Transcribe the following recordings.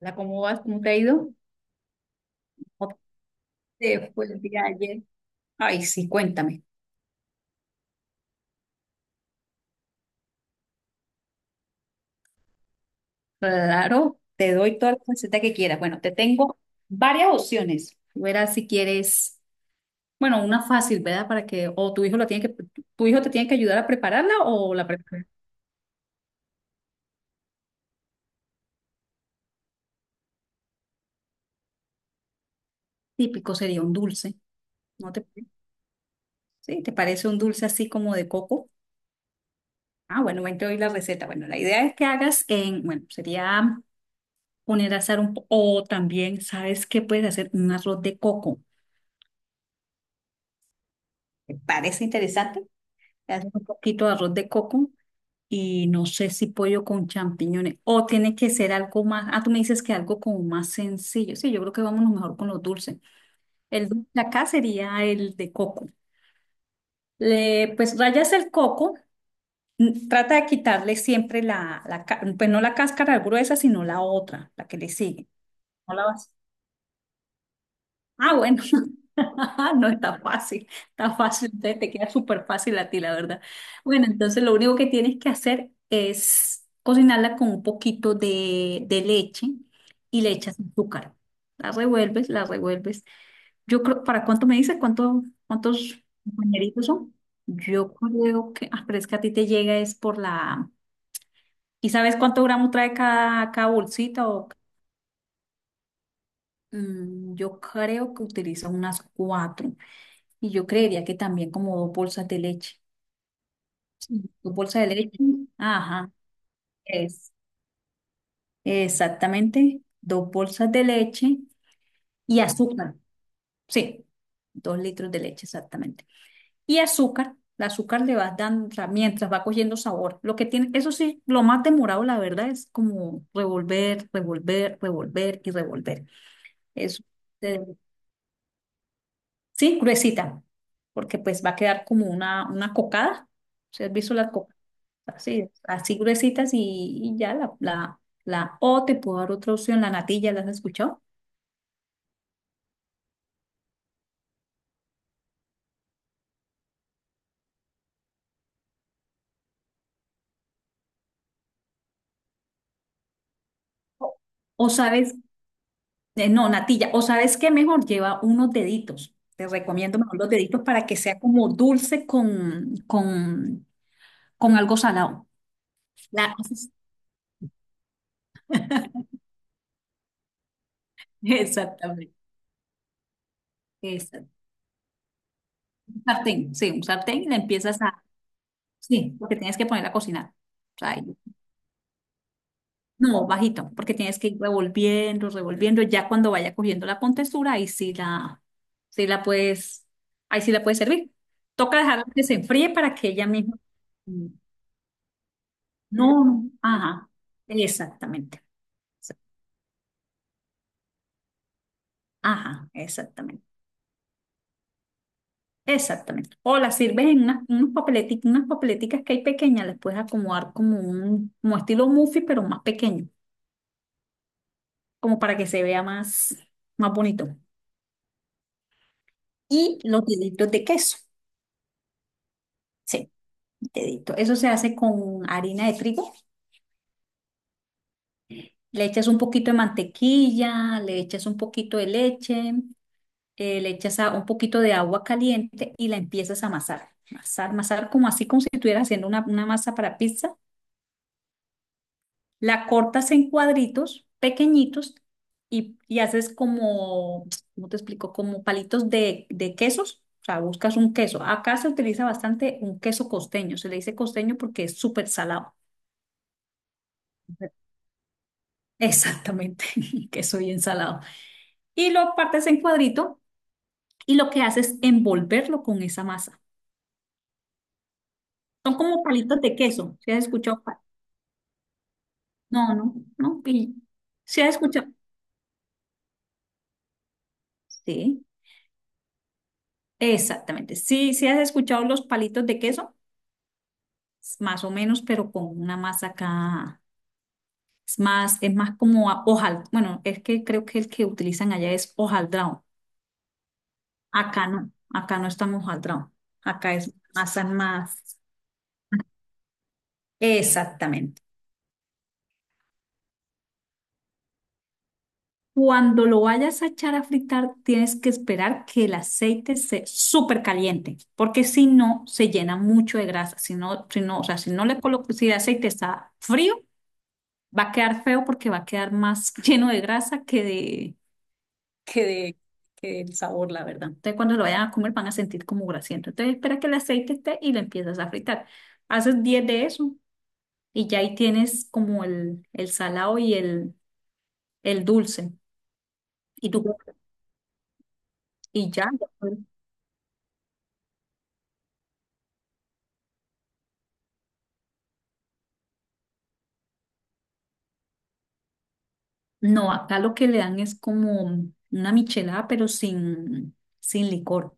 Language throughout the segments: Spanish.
Hola, ¿cómo vas? ¿Cómo te ha ido? ¿Cómo te fue el día ayer? Ay, sí, cuéntame. Claro, te doy toda la receta que quieras. Bueno, te tengo varias opciones. Tú verás si quieres, bueno, una fácil, ¿verdad? Para que, o tu hijo te tiene que ayudar a prepararla o la prepara. Típico sería un dulce. ¿No te, sí, te parece un dulce así como de coco? Ah, bueno, ven, te doy la receta. Bueno, la idea es que hagas en, bueno, sería poner a hacer o también, ¿sabes qué puedes hacer? Un arroz de coco. ¿Te parece interesante? Le haces un poquito de arroz de coco y no sé si pollo con champiñones o tiene que ser algo más. Ah, tú me dices que algo como más sencillo. Sí, yo creo que vámonos mejor con los dulces. El dulce de acá sería el de coco. Pues rayas el coco, trata de quitarle siempre la pues no la cáscara gruesa, sino la otra, la que le sigue. No la vas Ah, bueno, no está fácil, está fácil, te queda súper fácil a ti, la verdad. Bueno, entonces lo único que tienes que hacer es cocinarla con un poquito de leche y le echas azúcar. La revuelves, la revuelves. Yo creo, ¿para cuánto me dices? ¿Cuántos compañeritos son? Yo creo que, pero es que a ti te llega es por la... ¿Y sabes cuánto gramos trae cada bolsita? Yo creo que utilizas unas cuatro. Y yo creería que también como dos bolsas de leche. Sí. Dos bolsas de leche. Ajá, es. Exactamente, dos bolsas de leche y azúcar. Sí, dos litros de leche, exactamente. Y azúcar, el azúcar le vas dando, o sea, mientras va cogiendo sabor. Lo que tiene, eso sí, lo más demorado, la verdad, es como revolver, revolver, revolver y revolver. Eso, eh, sí, gruesita, porque pues va a quedar como una cocada. ¿Se has visto la cocada? Así es, así gruesitas y ya la, la, la o te puedo dar otra opción, la natilla, ¿las has escuchado? O o sabes, no, natilla, o sabes que mejor lleva unos deditos. Te recomiendo mejor los deditos para que sea como dulce con algo salado. La, Exactamente, exacto. Un sartén, sí, un sartén, sí, porque tienes que poner a cocinar. O sea, no, bajito, porque tienes que ir revolviendo, revolviendo. Ya cuando vaya cogiendo la contextura, sí la puedes, ahí sí la puedes servir. Toca dejarla que se enfríe para que ella misma. Mm, no, no, ajá, exactamente. Ajá, exactamente. Exactamente. O las sirves en unas, unas papeleticas que hay pequeñas, les puedes acomodar como un como estilo muffin, pero más pequeño, como para que se vea más bonito. Y los deditos de queso. Sí. Dedito. Eso se hace con harina de trigo. Le echas un poquito de mantequilla, le echas un poquito de leche, le echas un poquito de agua caliente y la empiezas a amasar. Amasar, amasar como así, como si estuvieras haciendo una masa para pizza. La cortas en cuadritos pequeñitos y haces como, ¿cómo te explico? Como palitos de quesos. O sea, buscas un queso. Acá se utiliza bastante un queso costeño. Se le dice costeño porque es súper salado. Exactamente, queso bien salado. Y lo partes en cuadrito y lo que haces es envolverlo con esa masa. Son como palitos de queso. ¿Si has escuchado? No, no, no. ¿Si has escuchado? Sí, exactamente. Sí, sí has escuchado los palitos de queso, más o menos, pero con una masa acá. Es más como hojal. Bueno, es que creo que el que utilizan allá es hojaldrado. Acá no estamos hojaldrado. Acá es masa más. Exactamente. Cuando lo vayas a echar a fritar, tienes que esperar que el aceite se súper caliente, porque si no, se llena mucho de grasa. Si no, si no, o sea, si no le colocas, si el aceite está frío, va a quedar feo porque va a quedar más lleno de grasa que de, que del sabor, la verdad. Entonces, cuando lo vayan a comer, van a sentir como grasiento. Entonces, espera que el aceite esté y lo empiezas a fritar. Haces 10 de eso y ya ahí tienes como el salado y el dulce. Y tú, y ya. No, acá lo que le dan es como una michelada, pero sin licor.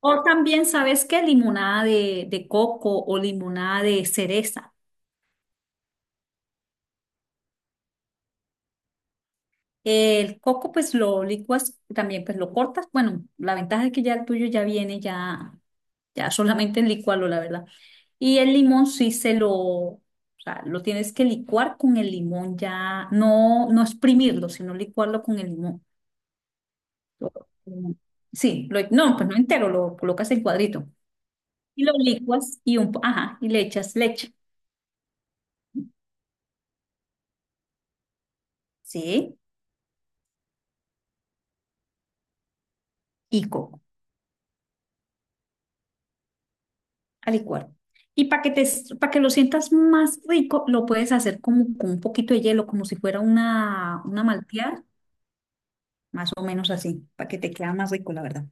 O también, ¿sabes qué? Limonada de coco o limonada de cereza. El coco, pues lo licuas, también pues lo cortas. Bueno, la ventaja es que ya el tuyo ya viene, ya solamente licuarlo, la verdad. Y el limón sí se lo, o sea, lo tienes que licuar con el limón ya, no, no exprimirlo, sino licuarlo con el limón. Lo- Sí, no, pues no entero, lo colocas en cuadrito. Y lo licuas y ajá, y le echas leche, ¿sí? Y coco a licuar. Y para que lo sientas más rico, lo puedes hacer como con un poquito de hielo, como si fuera una malteada, más o menos así, para que te quede más rico, la verdad.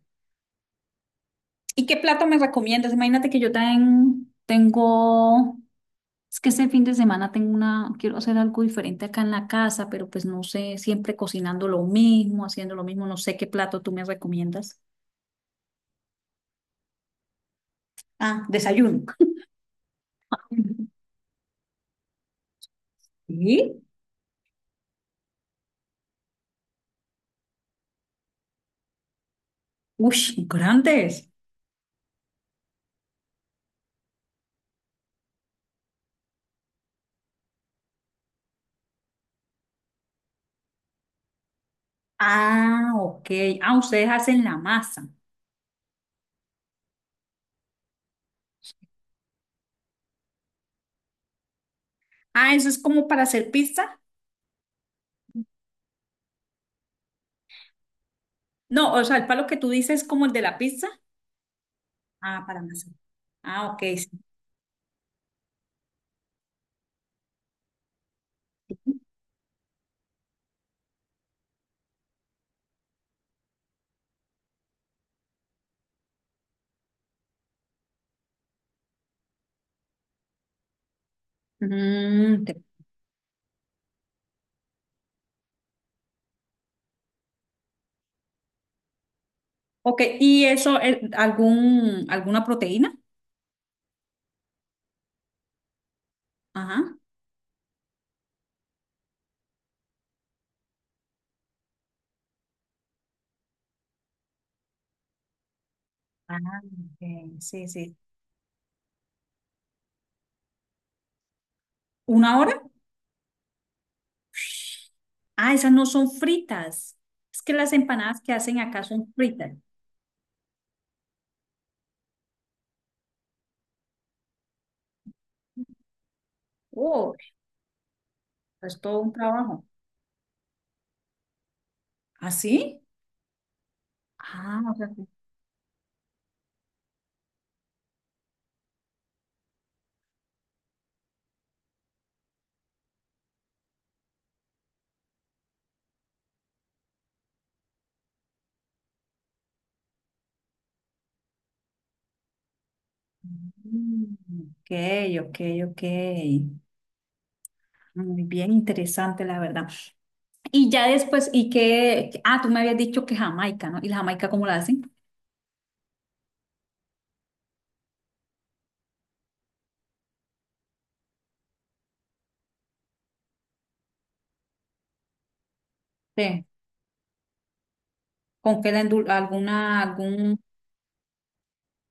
¿Y qué plato me recomiendas? Imagínate que yo también tengo, es que este fin de semana tengo una, quiero hacer algo diferente acá en la casa, pero pues no sé, siempre cocinando lo mismo, haciendo lo mismo, no sé qué plato tú me recomiendas. Ah, desayuno. ¿Y? Uy, grandes. Ah, ok. Ah, ustedes hacen la masa. Ah, eso es como para hacer pizza. No, o sea, el palo que tú dices es como el de la pizza. Ah, para masa. Ah, ok, sí. Mm, te- ok, ¿y eso, alguna proteína? Ajá. Ah, ok, sí, sí. ¿Una hora? Ah, esas no son fritas. Es que las empanadas que hacen acá son fritas. Oh, es todo un trabajo. ¿Ah, sí? Ah, ok. Mm, ok, ok, ok. Muy bien, interesante, la verdad. Y ya después, ¿y qué? Ah, tú me habías dicho que Jamaica, ¿no? ¿Y la Jamaica cómo la hacen? Sí. ¿Con qué la endul- alguna, algún?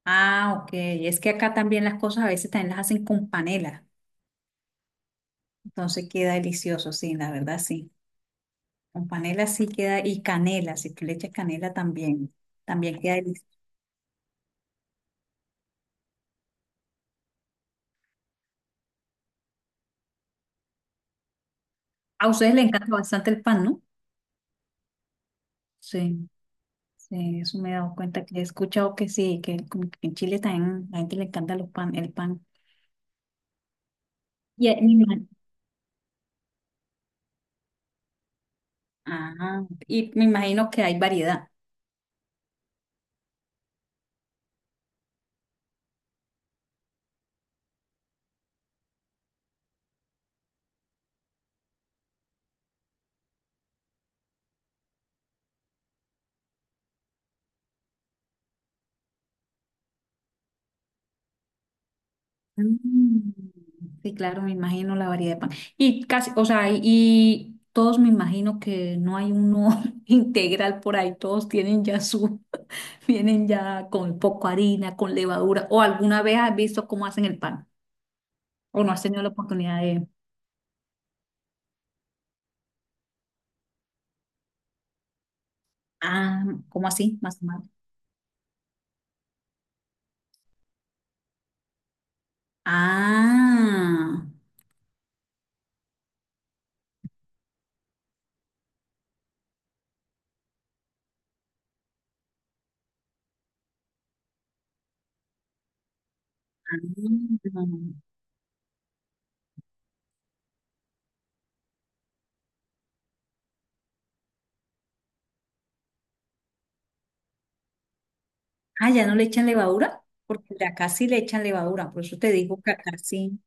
Ah, ok. Es que acá también las cosas a veces también las hacen con panela. Entonces queda delicioso, sí, la verdad, sí. Con panela sí queda, y canela, si tú le echas canela también, también queda delicioso. A ustedes les encanta bastante el pan, ¿no? Sí. Sí, eso me he dado cuenta que he escuchado que sí, que como que en Chile también la gente le encanta los pan, el pan. Y, me imagino, y me imagino que hay variedad. Mm. Sí, claro, me imagino la variedad de pan. Y casi, o sea, y todos me imagino que no hay uno integral por ahí, todos tienen ya su, vienen ya con poco harina, con levadura, o alguna vez has visto cómo hacen el pan, o no has tenido la oportunidad de, ah, ¿cómo así? Más o menos. Ah. Ah, ya no le echan levadura, porque el de acá sí le echan levadura, por eso te digo que acá sí.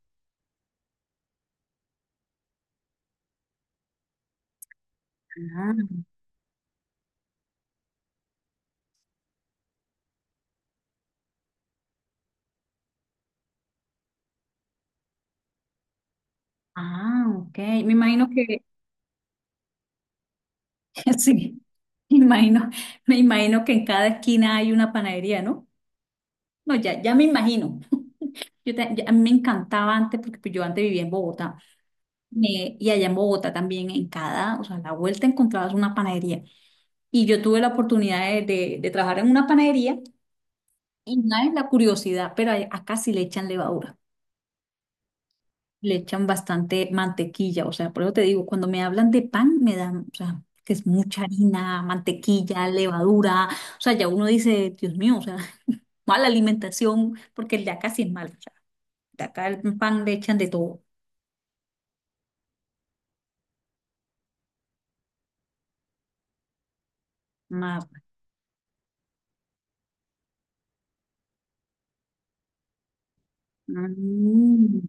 Ah, ah, ok. Me imagino que, sí, me imagino, me imagino que en cada esquina hay una panadería, ¿no? No, ya me imagino. A mí me encantaba antes, porque pues, yo antes vivía en Bogotá, y allá en Bogotá también, en cada, o sea, a la vuelta encontrabas una panadería. Y yo tuve la oportunidad de trabajar en una panadería, y nada es la curiosidad, pero acá sí le echan levadura. Le echan bastante mantequilla, o sea, por eso te digo, cuando me hablan de pan, me dan, o sea, que es mucha harina, mantequilla, levadura, o sea, ya uno dice, Dios mío, o sea, mala alimentación, porque el de acá sí es malo, o sea, de acá el pan le echan de todo, más. Mm,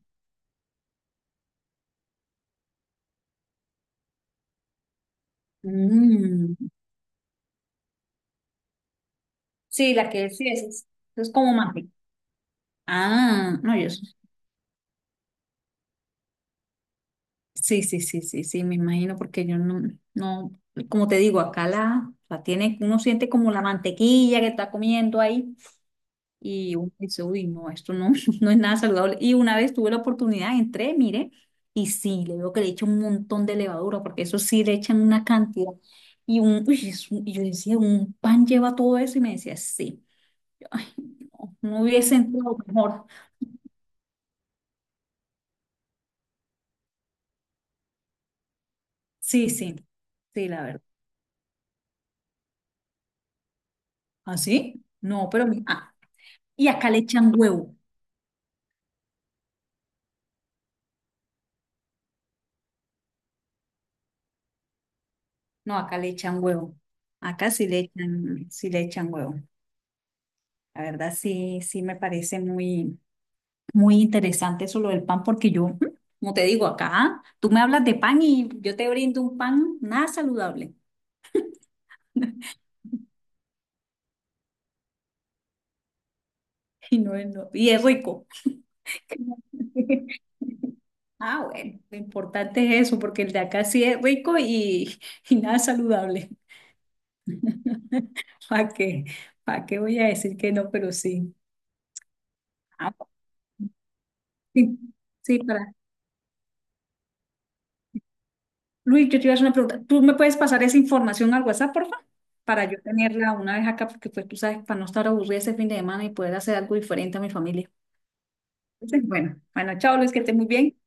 mm. Sí, la que sí es como mantequilla. Ah, no, yo sí, sí, sí, sí, sí, sí, me imagino, porque yo no, no, como te digo, acá la tiene, uno siente como la mantequilla que está comiendo ahí. Y uno dice, uy, no, esto no, no es nada saludable. Y una vez tuve la oportunidad, entré, mire, y sí, le veo que le echan un montón de levadura, porque eso sí le echan una cantidad. Y, un, uy, es y yo decía, ¿un pan lleva todo eso? Y me decía, sí. Ay, no, no hubiese entrado mejor. Sí, sí, sí, la verdad. ¿Ah, sí? No, pero... mi- ah, y acá le echan huevo. No, acá le echan huevo. Acá sí le echan huevo. La verdad, sí, sí me parece muy... Muy interesante eso lo del pan, porque yo, como te digo, acá tú me hablas de pan y yo te brindo un pan nada saludable. Y no es, y es rico. Ah, bueno, lo importante es eso, porque el de acá sí es rico y, y nada saludable. ¿Para qué? ¿Para qué voy a decir que no? Pero sí. Ah, sí, sí, para Luis, yo te iba a hacer una pregunta. ¿Tú me puedes pasar esa información al WhatsApp, por favor? Para yo tenerla una vez acá, porque pues tú sabes, para no estar aburrida ese fin de semana y poder hacer algo diferente a mi familia. Entonces, bueno, chao Luis, que estés muy bien.